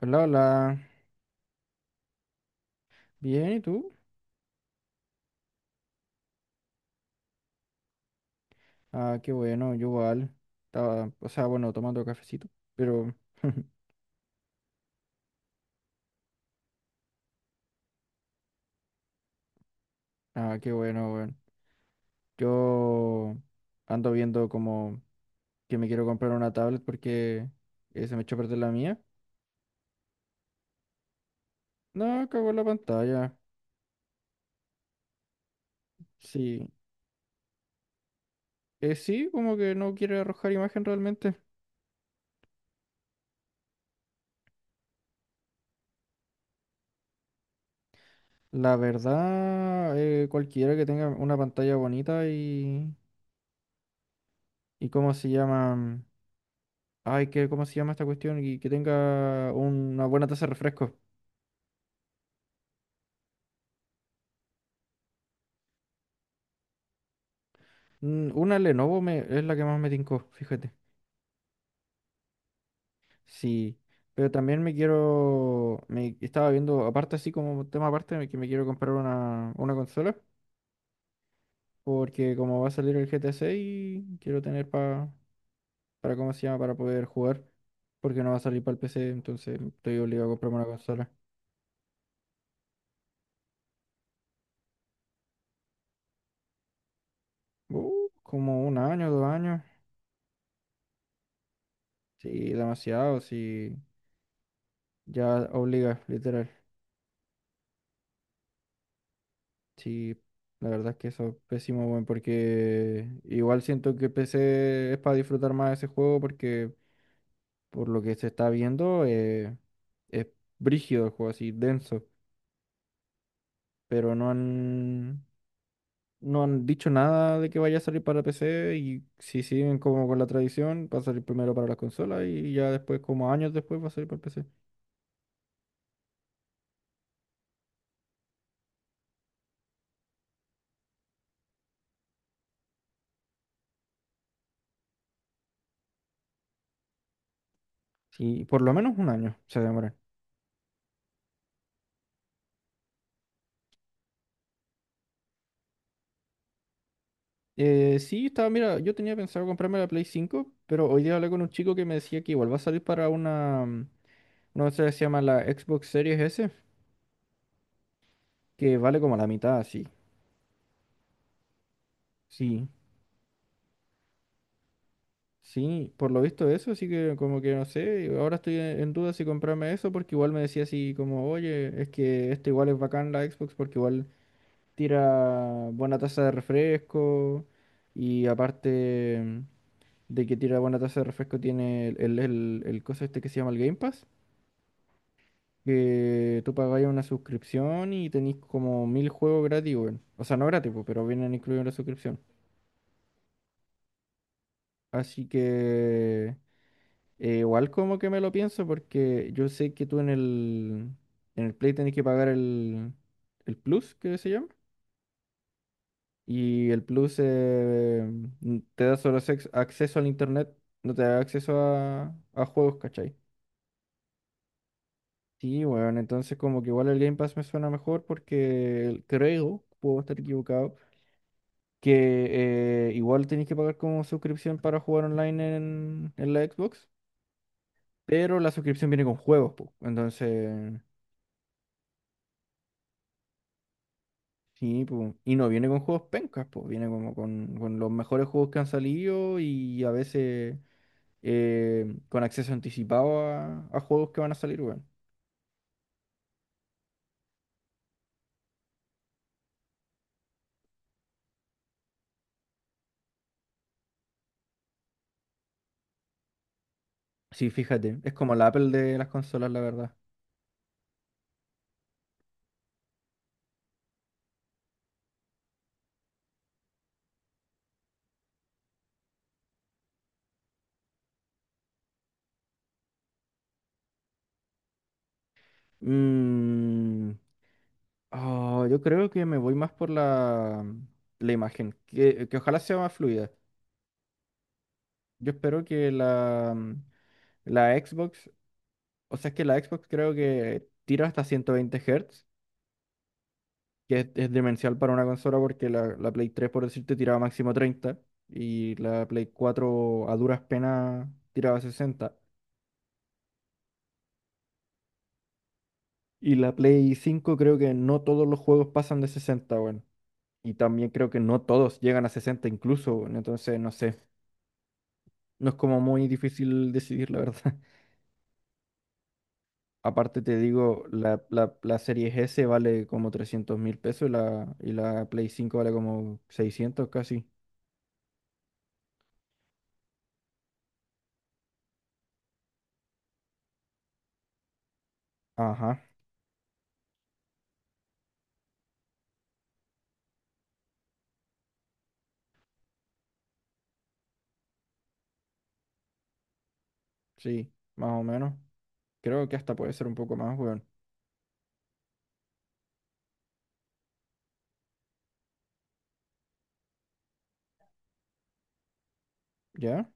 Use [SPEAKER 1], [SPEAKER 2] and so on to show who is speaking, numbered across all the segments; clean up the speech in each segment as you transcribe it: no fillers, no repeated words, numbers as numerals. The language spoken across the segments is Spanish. [SPEAKER 1] Hola, hola. Bien, ¿y tú? Ah, qué bueno, yo igual. Estaba, o sea, bueno, tomando cafecito, pero. Ah, qué bueno, bueno. Yo ando viendo como que me quiero comprar una tablet porque se me echó a perder la mía. No, cagó la pantalla. Sí. Sí, como que no quiere arrojar imagen realmente. La verdad, cualquiera que tenga una pantalla bonita y, ¿y cómo se llama? Ay, que, ¿cómo se llama esta cuestión? Y que tenga una buena taza de refresco. Una Lenovo es la que más me tincó, fíjate. Sí, pero también me estaba viendo, aparte así como tema aparte, que me quiero comprar una consola. Porque como va a salir el GTA 6, quiero tener para, ¿cómo se llama? Para poder jugar. Porque no va a salir para el PC, entonces estoy obligado a comprarme una consola. Como un año, 2 años. Sí, demasiado, sí. Ya obliga, literal. Sí, la verdad es que eso es pésimo, weón, porque igual siento que PC es para disfrutar más ese juego, porque por lo que se está viendo es brígido el juego, así denso, pero no han dicho nada de que vaya a salir para PC, y si siguen como con la tradición, va a salir primero para las consolas y ya después, como años después, va a salir para el PC. Sí, por lo menos un año se demora. Sí, estaba, mira, yo tenía pensado comprarme la Play 5, pero hoy día hablé con un chico que me decía que igual va a salir para una cosa que se llama la Xbox Series S, que vale como la mitad, sí. Sí, sí, por lo visto eso, así que como que no sé, ahora estoy en duda si comprarme eso, porque igual me decía así como, oye, es que este igual es bacán la Xbox, porque igual tira buena tasa de refresco, y aparte de que tira buena tasa de refresco tiene el coso este que se llama el Game Pass. Que tú pagáis una suscripción y tenéis como mil juegos gratis, weón. O sea, no gratis, pues, pero vienen incluidos en la suscripción. Así que igual como que me lo pienso porque yo sé que tú en el Play tenés que pagar el Plus, que se llama. Y el Plus te da solo acceso al Internet, no te da acceso a juegos, ¿cachai? Sí, bueno, entonces como que igual el Game Pass me suena mejor porque creo, puedo estar equivocado, que igual tenéis que pagar como suscripción para jugar online en la Xbox, pero la suscripción viene con juegos, po. Entonces, sí, po. Y no viene con juegos pencas, pues, viene como con los mejores juegos que han salido y a veces con acceso anticipado a juegos que van a salir, weón. Sí, fíjate, es como la Apple de las consolas, la verdad. Mm, yo creo que me voy más por la imagen, que ojalá sea más fluida. Yo espero que la Xbox, o sea, es que la Xbox creo que tira hasta 120 Hz, que es demencial para una consola, porque la Play 3, por decirte, tiraba máximo 30, y la Play 4 a duras penas tiraba 60. Y la Play 5 creo que no todos los juegos pasan de 60, bueno. Y también creo que no todos llegan a 60 incluso, weón. Entonces, no sé, no es como muy difícil decidir, la verdad. Aparte te digo, la Series S vale como 300.000 pesos, y la Play 5 vale como 600 casi. Ajá, sí, más o menos. Creo que hasta puede ser un poco más, weón. ¿Ya?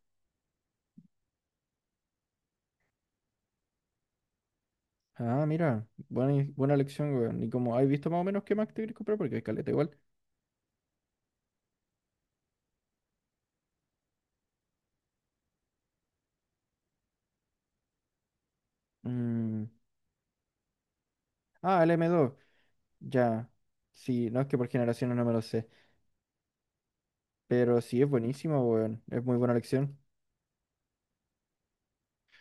[SPEAKER 1] Ah, mira, buena, buena elección, weón. Y como has visto más o menos qué Mac te quieres comprar, porque hay caleta igual. Mm, el M2, ya. Sí, no es que por generaciones no me lo sé, pero sí es buenísimo, weón. Es muy buena elección.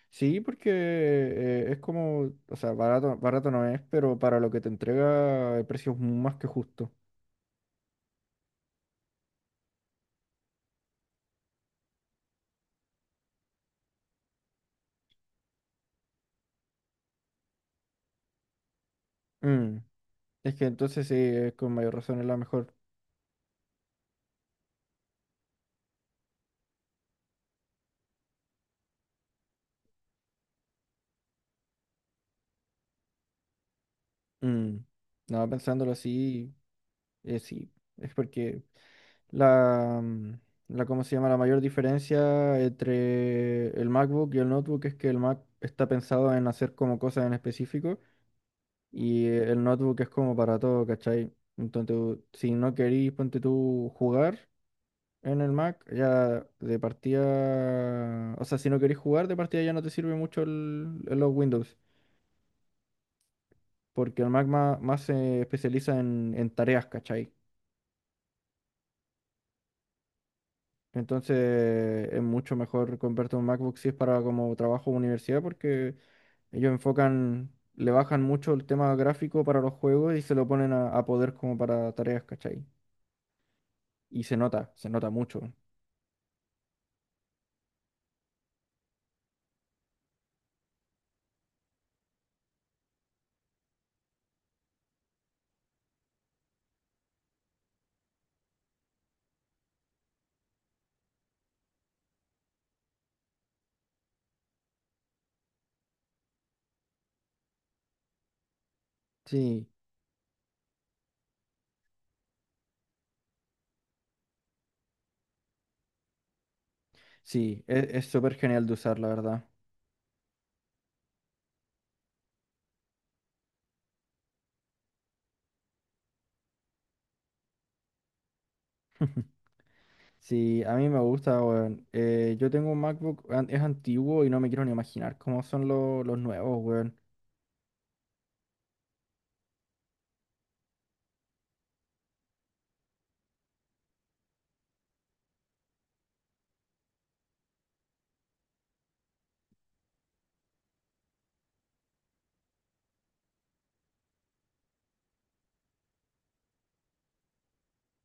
[SPEAKER 1] Sí, porque es como, o sea, barato, barato no es, pero para lo que te entrega el precio es más que justo. Mm, Es que entonces sí, es con mayor razón es la mejor. Mm, No, pensándolo así, sí, es porque la, mm, la, ¿cómo se llama? La mayor diferencia entre el MacBook y el notebook es que el Mac está pensado en hacer como cosas en específico, y el notebook es como para todo, ¿cachai? Entonces, si no querís, ponte tú, jugar. En el Mac ya de partida, o sea, si no queréis jugar de partida ya no te sirve mucho los Windows, porque el Mac más se especializa en tareas, ¿cachai? Entonces es mucho mejor comprarte un MacBook si es para como trabajo o universidad, porque ellos enfocan, le bajan mucho el tema gráfico para los juegos y se lo ponen a poder como para tareas, ¿cachai? Y se nota mucho. Sí, sí, es súper genial de usar, la verdad. Sí, a mí me gusta, weón. Yo tengo un MacBook, es antiguo, y no me quiero ni imaginar cómo son los nuevos, weón.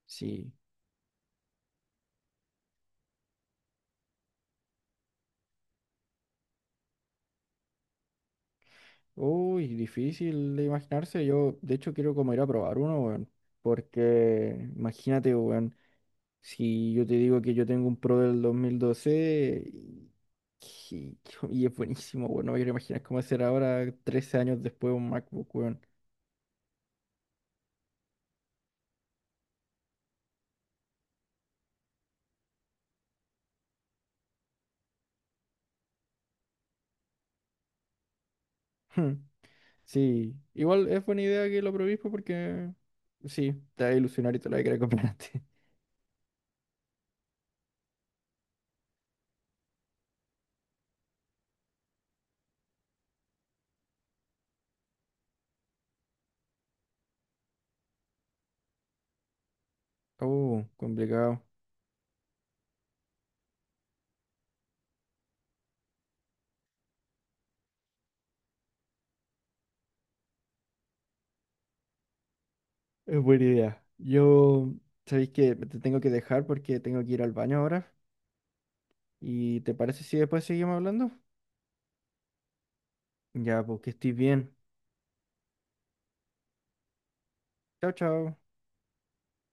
[SPEAKER 1] Sí. Uy, difícil de imaginarse. Yo, de hecho, quiero como ir a probar uno, weón. Porque, imagínate, weón, si yo te digo que yo tengo un Pro del 2012 y- y es buenísimo, weón. No me quiero imaginar cómo será ahora, 13 años después, un MacBook, weón. Sí, igual es buena idea que lo probéis, pues, porque sí, te va a ilusionar y te lo vas a querer comprar antes. Oh, complicado. Es buena idea. Yo, sabéis que te tengo que dejar porque tengo que ir al baño ahora. ¿Y te parece si después seguimos hablando? Ya, pues que estés bien. Chao, chao.